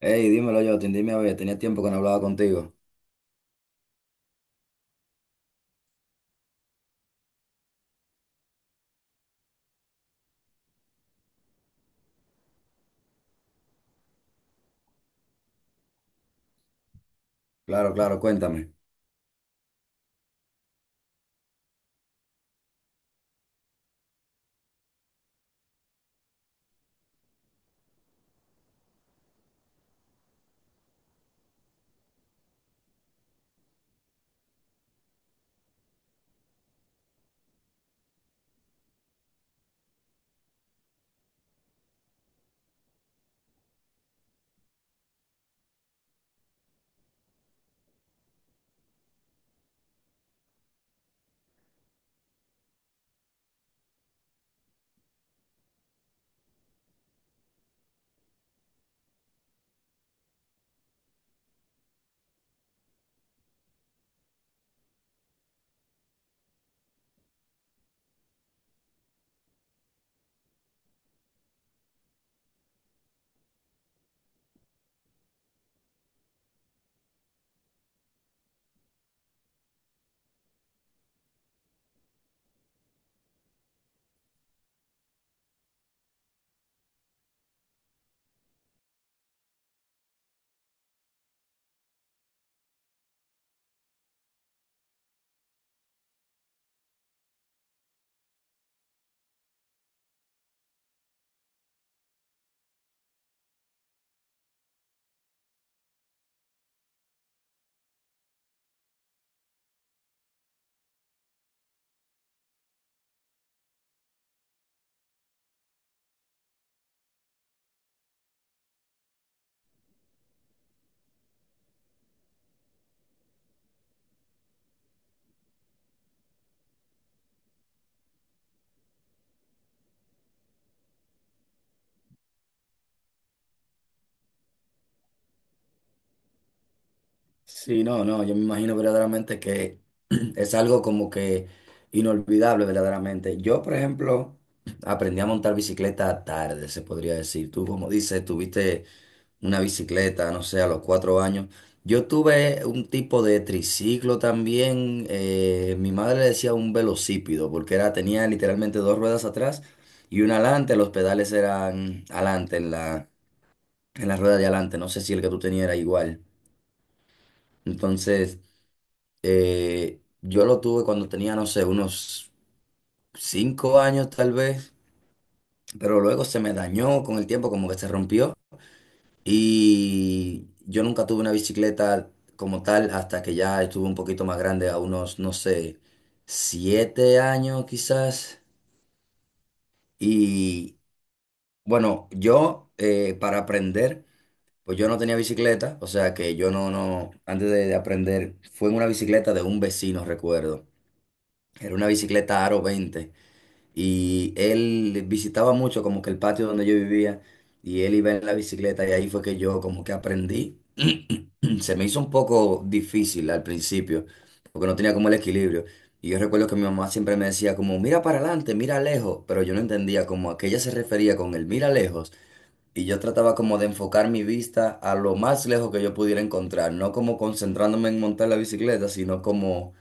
Hey, dímelo, Jotin, dime, a ver, tenía tiempo que no hablaba contigo. Claro, claro, cuéntame. Sí, no, no, yo me imagino verdaderamente que es algo como que inolvidable verdaderamente. Yo, por ejemplo, aprendí a montar bicicleta tarde, se podría decir. Tú, como dices, tuviste una bicicleta, no sé, a los cuatro años. Yo tuve un tipo de triciclo también. Mi madre le decía un velocípido, porque era, tenía literalmente dos ruedas atrás y una adelante. Los pedales eran adelante en la rueda de adelante. No sé si el que tú tenías era igual. Entonces, yo lo tuve cuando tenía, no sé, unos cinco años tal vez, pero luego se me dañó con el tiempo, como que se rompió. Y yo nunca tuve una bicicleta como tal hasta que ya estuve un poquito más grande, a unos, no sé, siete años quizás. Y bueno, yo para aprender... Pues yo no tenía bicicleta, o sea que yo no, antes de aprender, fue en una bicicleta de un vecino, recuerdo. Era una bicicleta Aro 20 y él visitaba mucho como que el patio donde yo vivía y él iba en la bicicleta y ahí fue que yo como que aprendí. Se me hizo un poco difícil al principio porque no tenía como el equilibrio. Y yo recuerdo que mi mamá siempre me decía como, mira para adelante, mira lejos, pero yo no entendía como a qué ella se refería con el mira lejos, y yo trataba como de enfocar mi vista a lo más lejos que yo pudiera encontrar, no como concentrándome en montar la bicicleta, sino como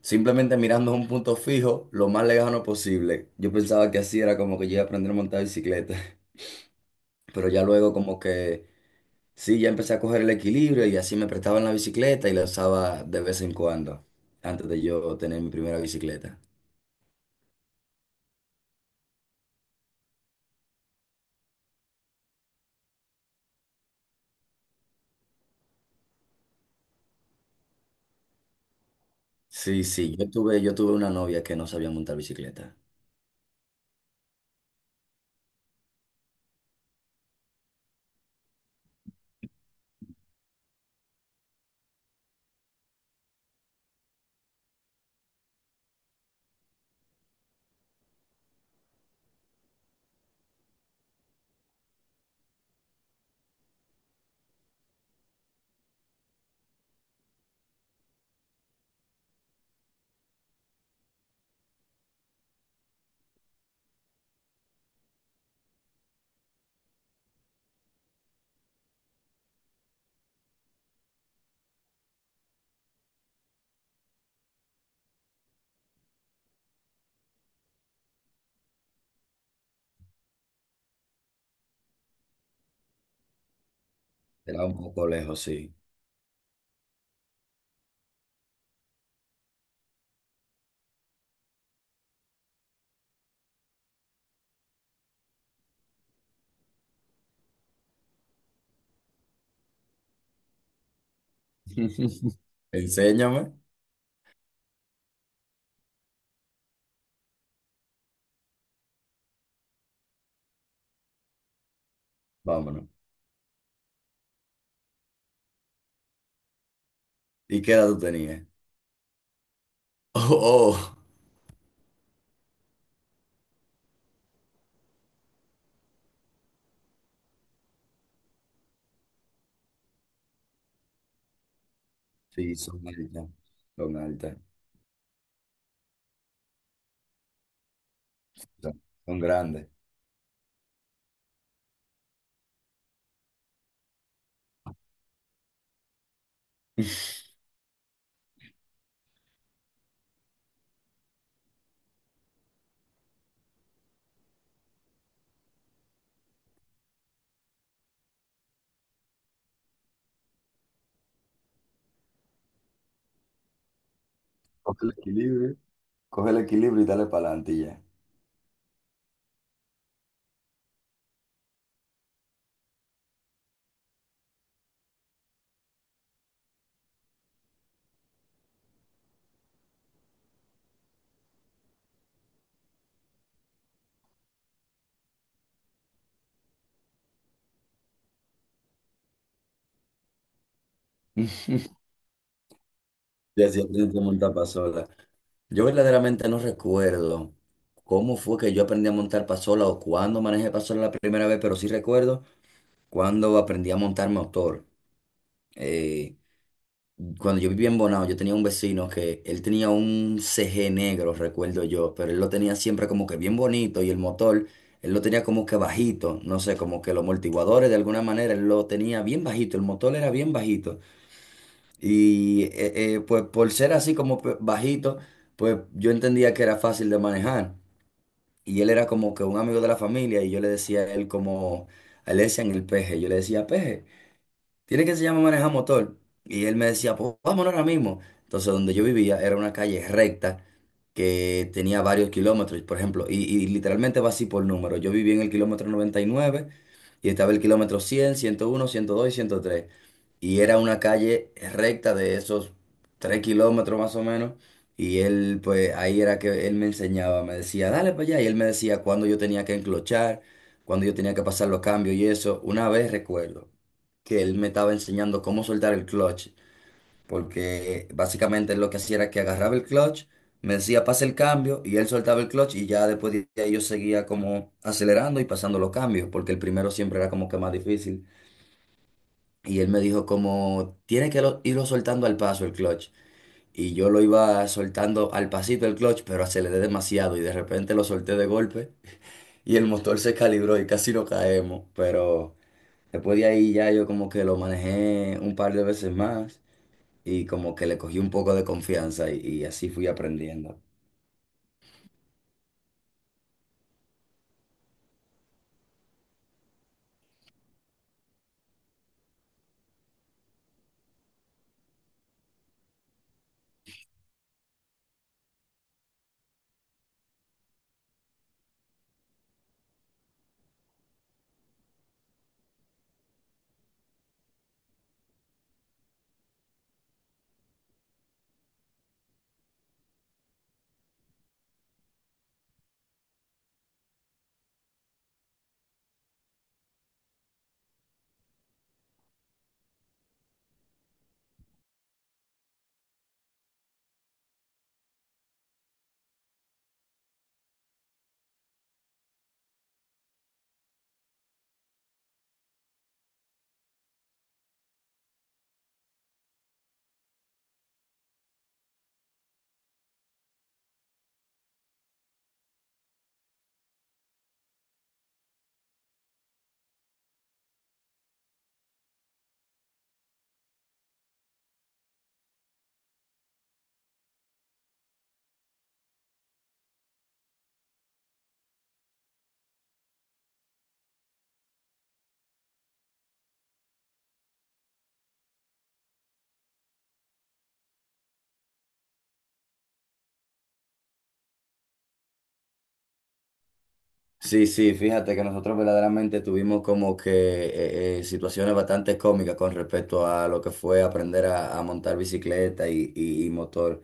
simplemente mirando a un punto fijo lo más lejano posible. Yo pensaba que así era como que yo iba a aprender a montar bicicleta, pero ya luego como que sí, ya empecé a coger el equilibrio y así me prestaban la bicicleta y la usaba de vez en cuando, antes de yo tener mi primera bicicleta. Sí, sí, yo tuve una novia que no sabía montar bicicleta. Era un poco lejos, sí. Enséñame. Vámonos. ¿Y qué edad tú tenías? Oh, oh. Sí, son altas. Son altas. Son, son grandes. Coge el equilibrio. Coge el equilibrio y dale para adelante y ya. Y así aprendí a montar pasola. Yo verdaderamente no recuerdo cómo fue que yo aprendí a montar pasola o cuándo manejé pasola la primera vez, pero sí recuerdo cuando aprendí a montar motor. Eh, Cuando yo vivía en Bonao, yo tenía un vecino que él tenía un CG negro, recuerdo yo, pero él lo tenía siempre como que bien bonito y el motor, él lo tenía como que bajito, no sé, como que los amortiguadores de alguna manera, él lo tenía bien bajito, el motor era bien bajito. Y pues por ser así como bajito, pues yo entendía que era fácil de manejar. Y él era como que un amigo de la familia y yo le decía a él como, a él le decían el peje, yo le decía peje tiene que se llama manejar motor. Y él me decía, pues vámonos ahora mismo. Entonces, donde yo vivía era una calle recta que tenía varios kilómetros, por ejemplo, y literalmente va así por número. Yo vivía en el kilómetro 99 y nueve y estaba el kilómetro 100, 101, 102 y 103. Y era una calle recta de esos 3 kilómetros más o menos. Y él, pues ahí era que él me enseñaba, me decía, dale para allá. Y él me decía cuándo yo tenía que enclochar, cuándo yo tenía que pasar los cambios y eso. Una vez recuerdo que él me estaba enseñando cómo soltar el clutch, porque básicamente él lo que hacía era que agarraba el clutch, me decía pase el cambio y él soltaba el clutch y ya después de ahí yo seguía como acelerando y pasando los cambios, porque el primero siempre era como que más difícil. Y él me dijo como tiene que irlo soltando al paso el clutch. Y yo lo iba soltando al pasito el clutch, pero aceleré demasiado y de repente lo solté de golpe y el motor se calibró y casi no caemos. Pero después de ahí ya yo como que lo manejé un par de veces más y como que le cogí un poco de confianza y así fui aprendiendo. Sí, sí, fíjate que nosotros verdaderamente tuvimos como que situaciones bastante cómicas con respecto a lo que fue aprender a montar bicicleta y motor.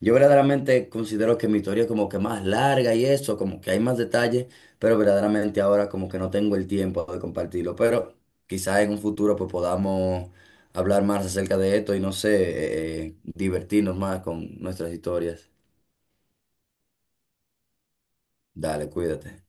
Yo verdaderamente considero que mi historia es como que más larga y eso, como que hay más detalles, pero verdaderamente ahora como que no tengo el tiempo de compartirlo. Pero quizás en un futuro pues podamos hablar más acerca de esto y no sé, divertirnos más con nuestras historias. Dale, cuídate.